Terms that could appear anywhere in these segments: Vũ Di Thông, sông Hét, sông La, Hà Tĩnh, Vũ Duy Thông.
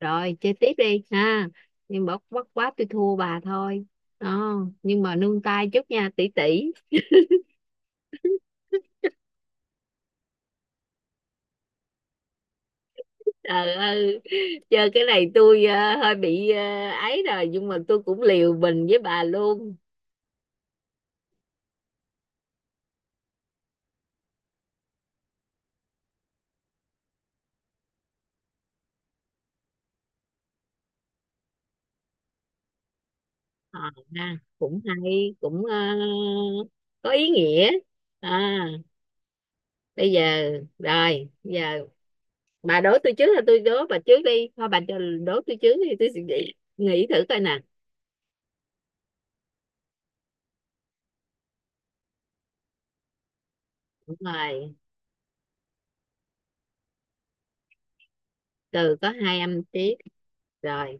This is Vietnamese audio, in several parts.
Rồi chơi tiếp đi ha. Nhưng mà bất quá tôi thua bà thôi đó, nhưng mà nương tay chút nha tỷ tỷ. Trời ơi, chơi cái này tôi hơi bị ấy rồi, nhưng mà tôi cũng liều mình với bà luôn. Ờ, ha, cũng hay, cũng có ý nghĩa. À, bây giờ, bây giờ bà đố tôi trước hay tôi đố bà trước đi, thôi bà cho đố tôi trước thì tôi sẽ nghĩ nghĩ thử coi nè. Đúng rồi, từ có hai âm tiết. Rồi,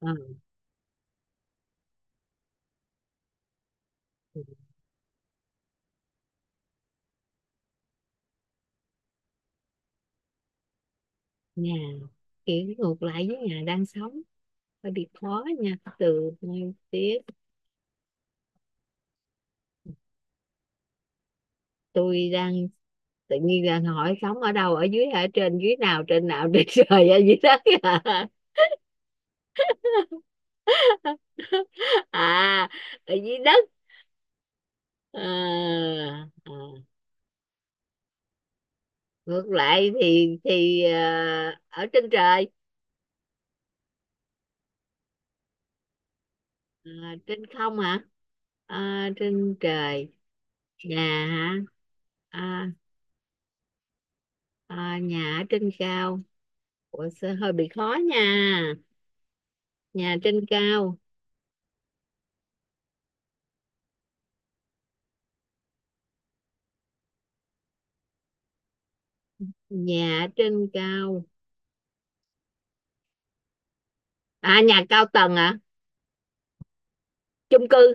ờ, nhà kiểu ngược lại với nhà đang sống, hơi bị khó nha từ ngay tiếp. Tôi tự nhiên đang hỏi sống ở đâu, ở dưới ở trên, dưới nào trên nào, trên trời hay dưới đất à. À, ở dưới đất. À, à, ngược lại thì à, ở trên trời. À, trên không hả? À, trên trời. Nhà hả? À, à, nhà ở trên cao. Ủa, sẽ hơi bị khó nha. Nhà trên cao. Nhà trên cao. À, nhà cao tầng à? Chung cư.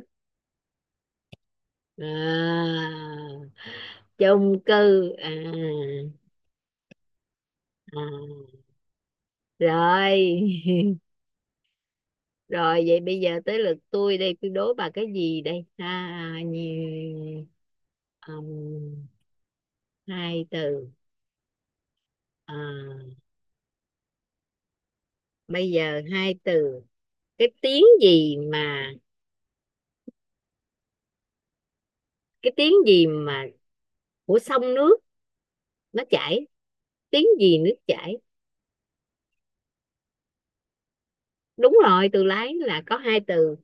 À, chung cư À, à. Rồi. Rồi, vậy bây giờ tới lượt tôi đây, tôi đố bà cái gì đây ha. Nhiều, ừm, hai từ. À, bây giờ hai từ. Cái tiếng gì mà, cái tiếng gì mà của sông nước, nó chảy, tiếng gì nước chảy. Đúng rồi, từ lái là có hai từ.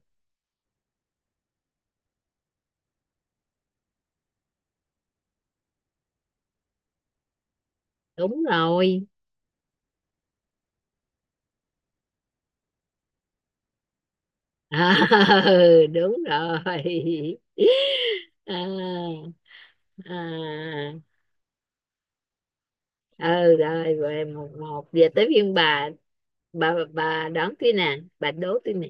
Đúng rồi. À, đúng rồi. À, à, à. Ừ, rồi, về một một, về tới phiên bà. Bà đón tôi nè, bà đố tôi nè.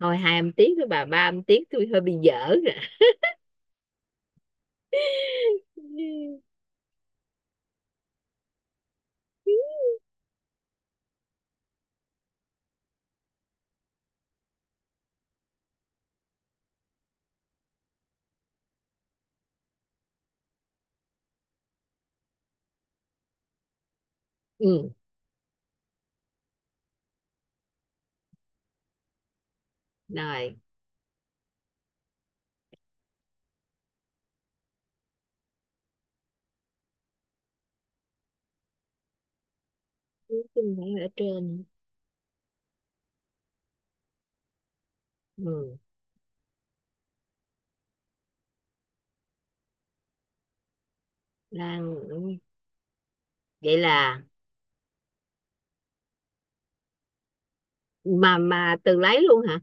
Thôi hai âm tiết với bà, ba âm tiết tôi hơi bị dở rồi. Ừ, rồi. Tôi phải ở trên. Ừ. Đang, vậy là, mà từ lấy luôn hả?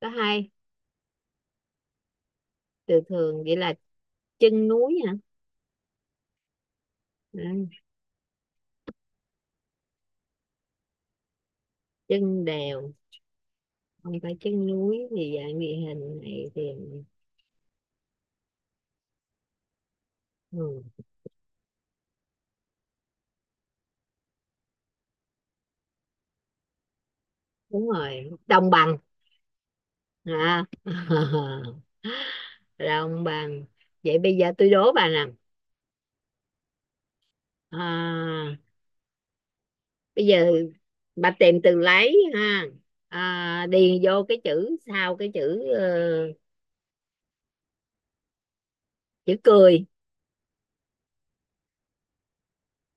Có hai từ thường, vậy là chân núi hả? Đó, chân đèo. Không phải chân núi thì dạng địa hình này thì, ừ, đúng rồi, đồng bằng. À, đồng bằng. Vậy bây giờ tôi đố bà nè. À, bây giờ bà tìm từ lấy ha. À, điền vô cái chữ sau cái chữ chữ cười.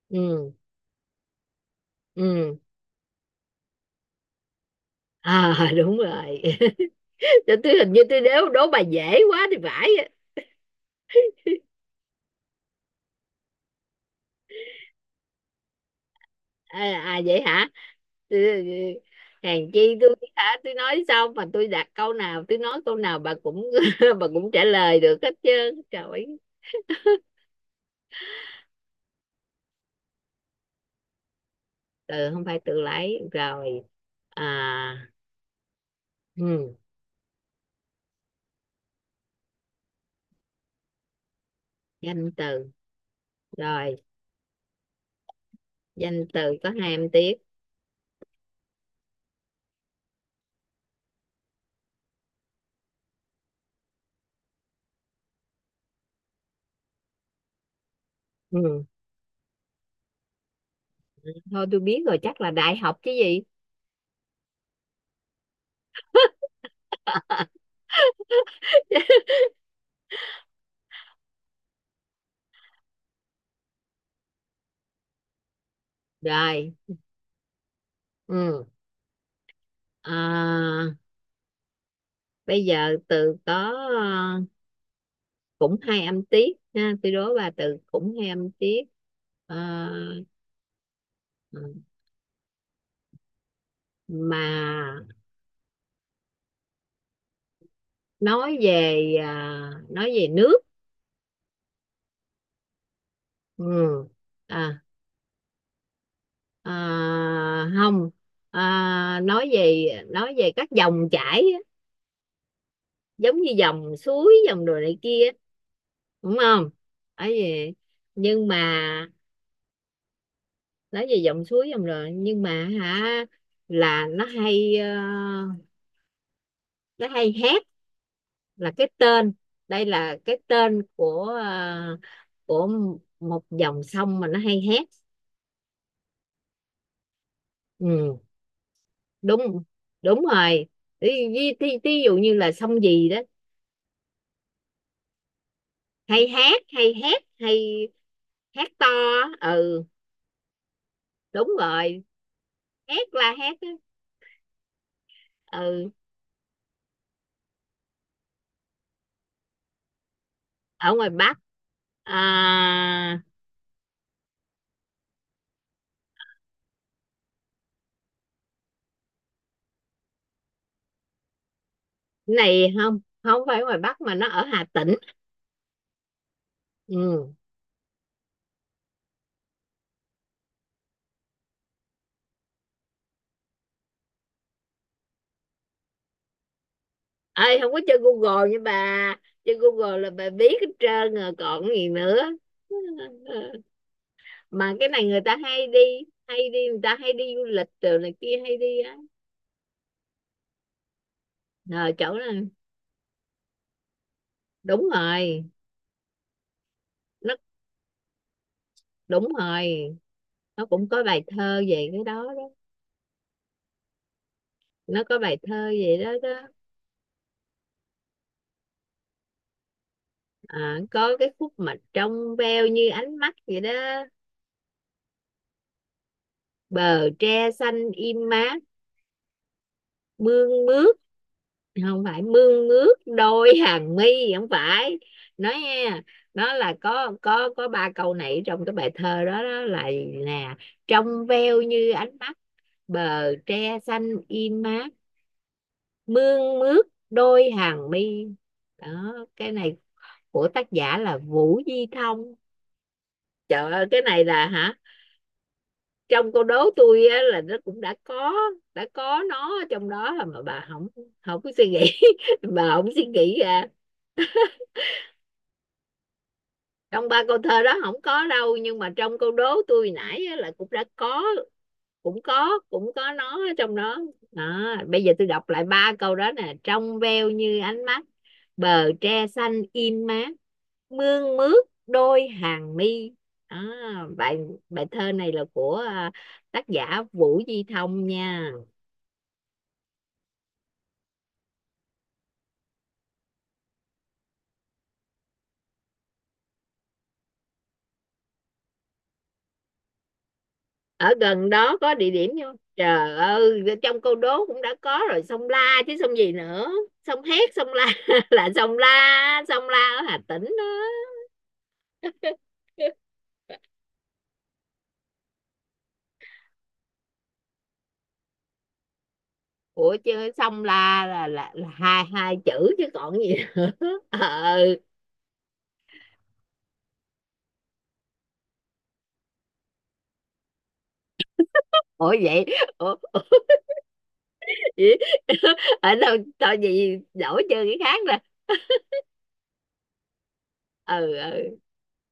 Ừ. Ừ. À, đúng rồi. Tôi hình như tôi đố đố bà dễ quá thì phải. À, à vậy hả? Ừ, ừ, ừ. Hèn chi tôi hả, tôi nói xong mà tôi đặt câu nào, tôi nói câu nào bà cũng bà cũng trả lời được hết trơn, trời ơi. Từ không phải tự lấy rồi. À, ừ, danh từ. Rồi, danh từ có hai âm tiết. Ừ. Thôi tôi biết rồi, chắc là đại học chứ gì. Rồi. Ừ. À, bây giờ từ có cũng hai âm tiết ha, tôi đố bà từ cũng hai âm tiết. À, mà nói về, à, nói về nước. Ừ. À, à, không. À, nói về, nói về các dòng chảy á, giống như dòng suối, dòng đồ này kia á, đúng không? Ấy. Nhưng mà nói về dòng suối dòng, rồi, nhưng mà hả, là nó hay nó hay hét, là cái tên, đây là cái tên của của một dòng sông mà nó hay hét. Ừ, đúng, đúng rồi. Ví, ví, thí dụ như là sông gì đó. Hay hát, hay hét, hay hát to á. ừ, đúng rồi, hét, la hét á. Ừ. Ở ngoài Bắc. À, này, không không phải ngoài Bắc, mà nó ở Hà Tĩnh. Ừ. Ơi, không có chơi Google nha bà, chơi Google là bà biết hết trơn rồi còn gì nữa. Mà cái này người ta hay đi, hay đi, người ta hay đi du lịch từ này kia, hay đi á. Ờ, chỗ này đúng rồi. Đúng rồi, nó cũng có bài thơ về cái đó đó. Nó có bài thơ về đó đó. À, có cái khúc mà trong veo như ánh mắt vậy đó. Bờ tre xanh im mát, mương mướt. Không phải mương mướt đôi hàng mi, không phải. Nói nha, nó là có ba câu này trong cái bài thơ đó, đó là, nè: trong veo như ánh mắt, bờ tre xanh im mát, mương mướt đôi hàng mi. Đó, cái này của tác giả là Vũ Di Thông. Trời ơi, cái này là hả, trong câu đố tôi á, là nó cũng đã có, đã có nó trong đó mà bà không, không có suy nghĩ. Bà không suy nghĩ ra. Trong ba câu thơ đó không có đâu, nhưng mà trong câu đố tôi nãy á, là cũng đã có, cũng có, cũng có nó ở trong đó. Đó, bây giờ tôi đọc lại ba câu đó nè: trong veo như ánh mắt, bờ tre xanh in mát, mương mướt đôi hàng mi. Đó, bài, bài thơ này là của à, tác giả Vũ Duy Thông nha. Ở gần đó có địa điểm không, trời ơi, trong câu đố cũng đã có rồi, sông La chứ sông gì nữa. Sông Hét, sông La, là sông La, sông La ở Hà Tĩnh. Đó. Ủa chứ xong la là là hai, hai chữ chứ còn gì nữa. Ờ. Ủa vậy. Ủa, ủa, vậy? Ở đâu tao gì, đổi chơi cái khác nè. Ừ, ừ.